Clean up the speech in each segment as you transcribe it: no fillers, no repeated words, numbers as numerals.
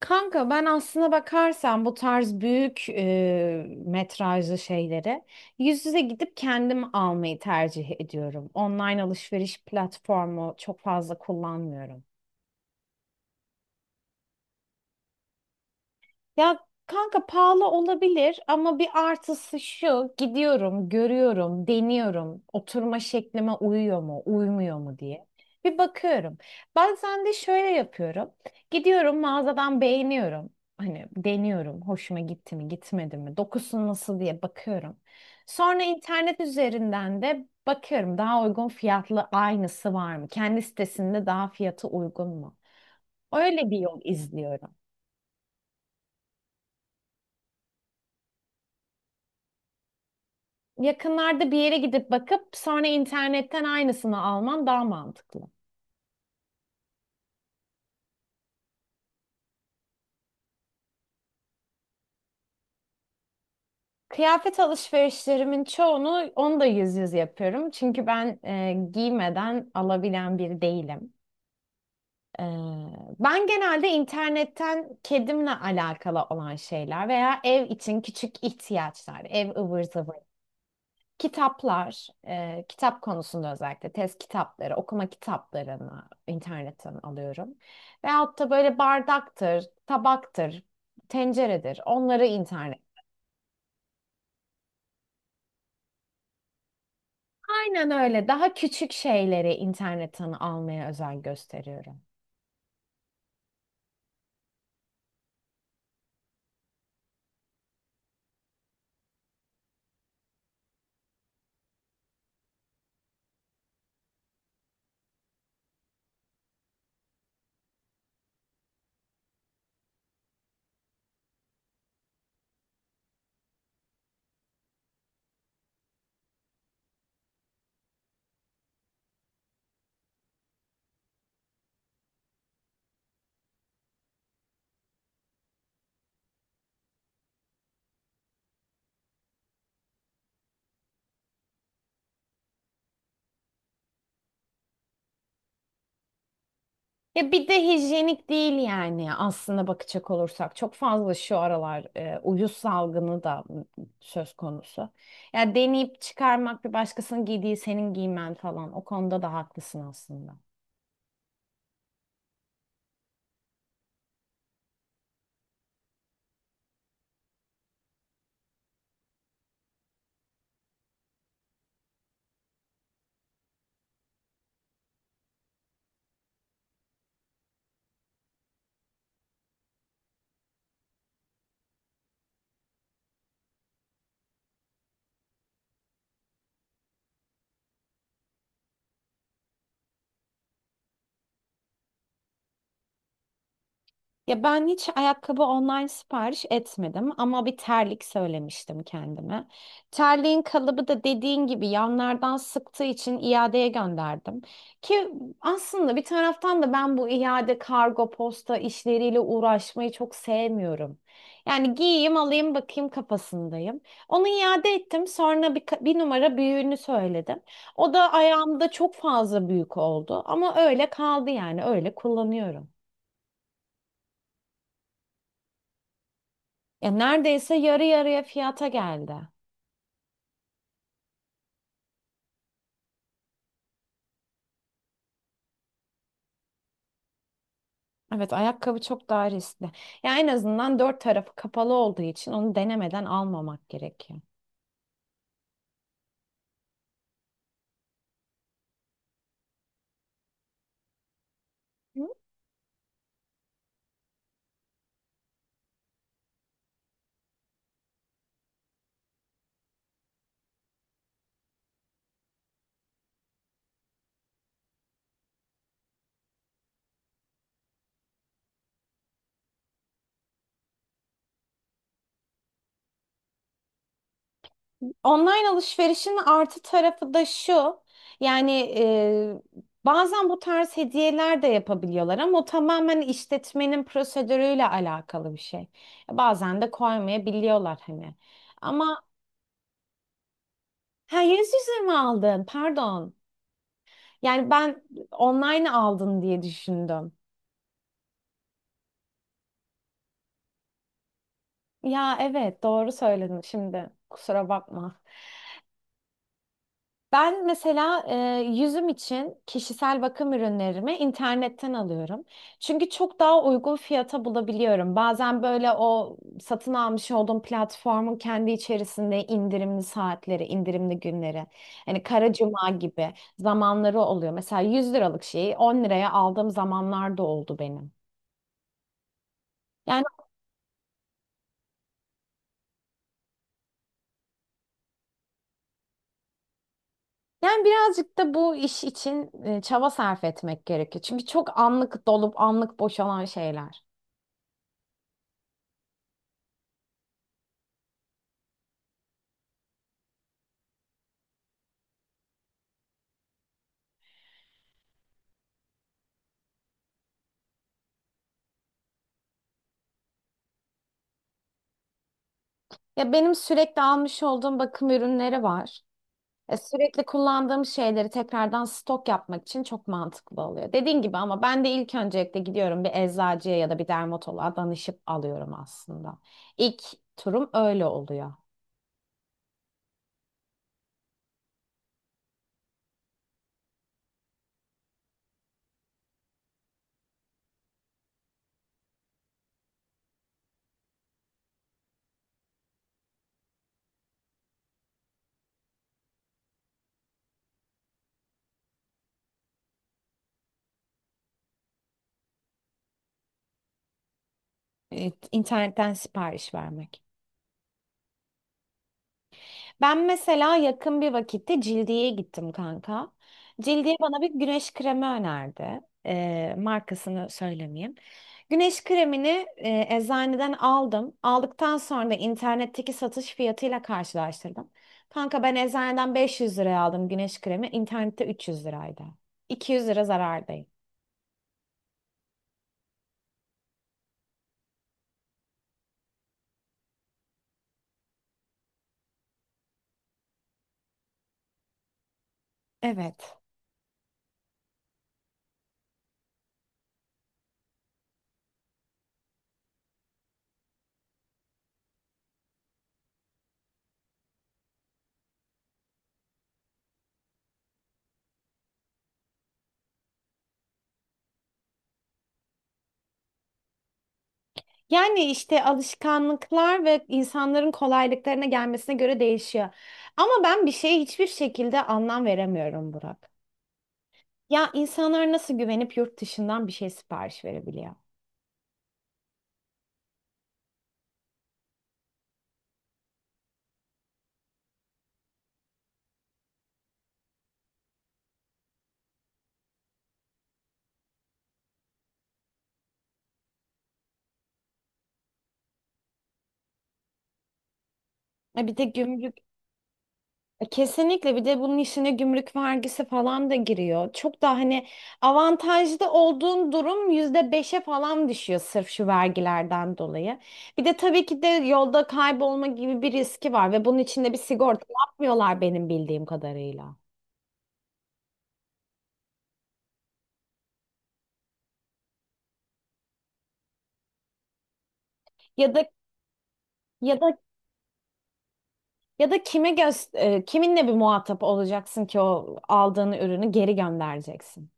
Kanka ben aslına bakarsan bu tarz büyük metrajlı şeyleri yüz yüze gidip kendim almayı tercih ediyorum. Online alışveriş platformu çok fazla kullanmıyorum. Ya kanka pahalı olabilir ama bir artısı şu: gidiyorum, görüyorum, deniyorum. Oturma şeklime uyuyor mu, uymuyor mu diye. Bir bakıyorum. Bazen de şöyle yapıyorum. Gidiyorum, mağazadan beğeniyorum. Hani deniyorum. Hoşuma gitti mi, gitmedi mi? Dokusu nasıl diye bakıyorum. Sonra internet üzerinden de bakıyorum. Daha uygun fiyatlı aynısı var mı? Kendi sitesinde daha fiyatı uygun mu? Öyle bir yol izliyorum. Yakınlarda bir yere gidip bakıp sonra internetten aynısını alman daha mantıklı. Kıyafet alışverişlerimin çoğunu, onu da yüz yüze yapıyorum. Çünkü ben giymeden alabilen biri değilim. E, Ben genelde internetten kedimle alakalı olan şeyler veya ev için küçük ihtiyaçlar, ev ıvır zıvır kitaplar, kitap konusunda özellikle test kitapları, okuma kitaplarını internetten alıyorum. Veyahut da böyle bardaktır, tabaktır, tenceredir. Onları internet. Aynen öyle. Daha küçük şeyleri internetten almaya özen gösteriyorum. Ya bir de hijyenik değil yani, aslında bakacak olursak. Çok fazla şu aralar uyuz salgını da söz konusu. Ya deneyip çıkarmak, bir başkasının giydiği senin giymen falan, o konuda da haklısın aslında. Ya ben hiç ayakkabı online sipariş etmedim ama bir terlik söylemiştim kendime. Terliğin kalıbı da dediğin gibi yanlardan sıktığı için iadeye gönderdim. Ki aslında bir taraftan da ben bu iade kargo posta işleriyle uğraşmayı çok sevmiyorum. Yani giyeyim, alayım, bakayım kafasındayım. Onu iade ettim, sonra bir, bir numara büyüğünü söyledim. O da ayağımda çok fazla büyük oldu ama öyle kaldı, yani öyle kullanıyorum. Ya neredeyse yarı yarıya fiyata geldi. Evet, ayakkabı çok daha riskli. Ya en azından dört tarafı kapalı olduğu için onu denemeden almamak gerekiyor. Hı. Online alışverişin artı tarafı da şu. Yani, e, bazen bu tarz hediyeler de yapabiliyorlar ama o tamamen işletmenin prosedürüyle alakalı bir şey. Bazen de koymayabiliyorlar hani. Ama ha, yüz yüze mi aldın? Pardon. Yani ben online aldın diye düşündüm. Ya evet, doğru söyledin şimdi. Kusura bakma. Ben mesela yüzüm için kişisel bakım ürünlerimi internetten alıyorum. Çünkü çok daha uygun fiyata bulabiliyorum. Bazen böyle o satın almış olduğum platformun kendi içerisinde indirimli saatleri, indirimli günleri, hani Kara Cuma gibi zamanları oluyor. Mesela 100 liralık şeyi 10 liraya aldığım zamanlar da oldu benim. Yani birazcık da bu iş için çaba sarf etmek gerekiyor. Çünkü çok anlık dolup anlık boşalan şeyler. Ya benim sürekli almış olduğum bakım ürünleri var. Sürekli kullandığım şeyleri tekrardan stok yapmak için çok mantıklı oluyor. Dediğin gibi, ama ben de ilk öncelikle gidiyorum, bir eczacıya ya da bir dermatoloğa danışıp alıyorum aslında. İlk turum öyle oluyor. Evet, internetten sipariş vermek. Ben mesela yakın bir vakitte Cildiye'ye gittim kanka. Cildiye bana bir güneş kremi önerdi. Markasını söylemeyeyim. Güneş kremini eczaneden aldım. Aldıktan sonra da internetteki satış fiyatıyla karşılaştırdım. Kanka, ben eczaneden 500 liraya aldım güneş kremi. İnternette 300 liraydı. 200 lira zarardayım. Evet. Yani işte alışkanlıklar ve insanların kolaylıklarına gelmesine göre değişiyor. Ama ben bir şeye hiçbir şekilde anlam veremiyorum Burak. Ya insanlar nasıl güvenip yurt dışından bir şey sipariş verebiliyor? Bir de gümrük. Kesinlikle, bir de bunun işine gümrük vergisi falan da giriyor. Çok da hani avantajlı olduğun durum %5'e falan düşüyor sırf şu vergilerden dolayı. Bir de tabii ki de yolda kaybolma gibi bir riski var ve bunun içinde bir sigorta yapmıyorlar benim bildiğim kadarıyla. Ya da ya da ya da kiminle bir muhatap olacaksın ki o aldığın ürünü geri göndereceksin.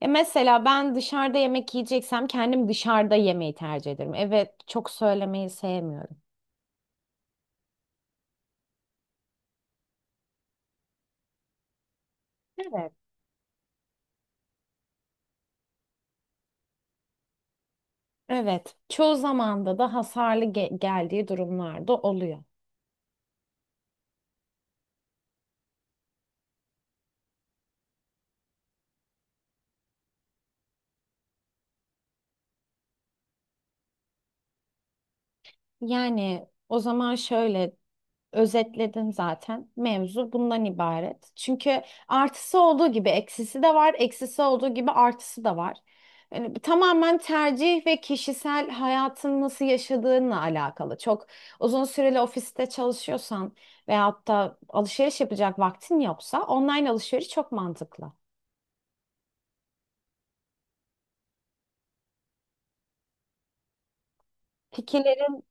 Ya mesela ben dışarıda yemek yiyeceksem kendim dışarıda yemeyi tercih ederim. Evet, çok söylemeyi sevmiyorum. Evet. Evet, çoğu zamanda da hasarlı geldiği durumlarda oluyor. Yani o zaman şöyle, özetledim zaten. Mevzu bundan ibaret. Çünkü artısı olduğu gibi eksisi de var, eksisi olduğu gibi artısı da var. Yani bu tamamen tercih ve kişisel hayatın nasıl yaşadığınla alakalı. Çok uzun süreli ofiste çalışıyorsan veyahut da alışveriş yapacak vaktin yoksa online alışveriş çok mantıklı. Fikirlerin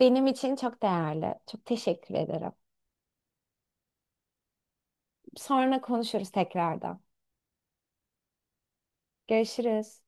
benim için çok değerli. Çok teşekkür ederim. Sonra konuşuruz tekrardan. Görüşürüz.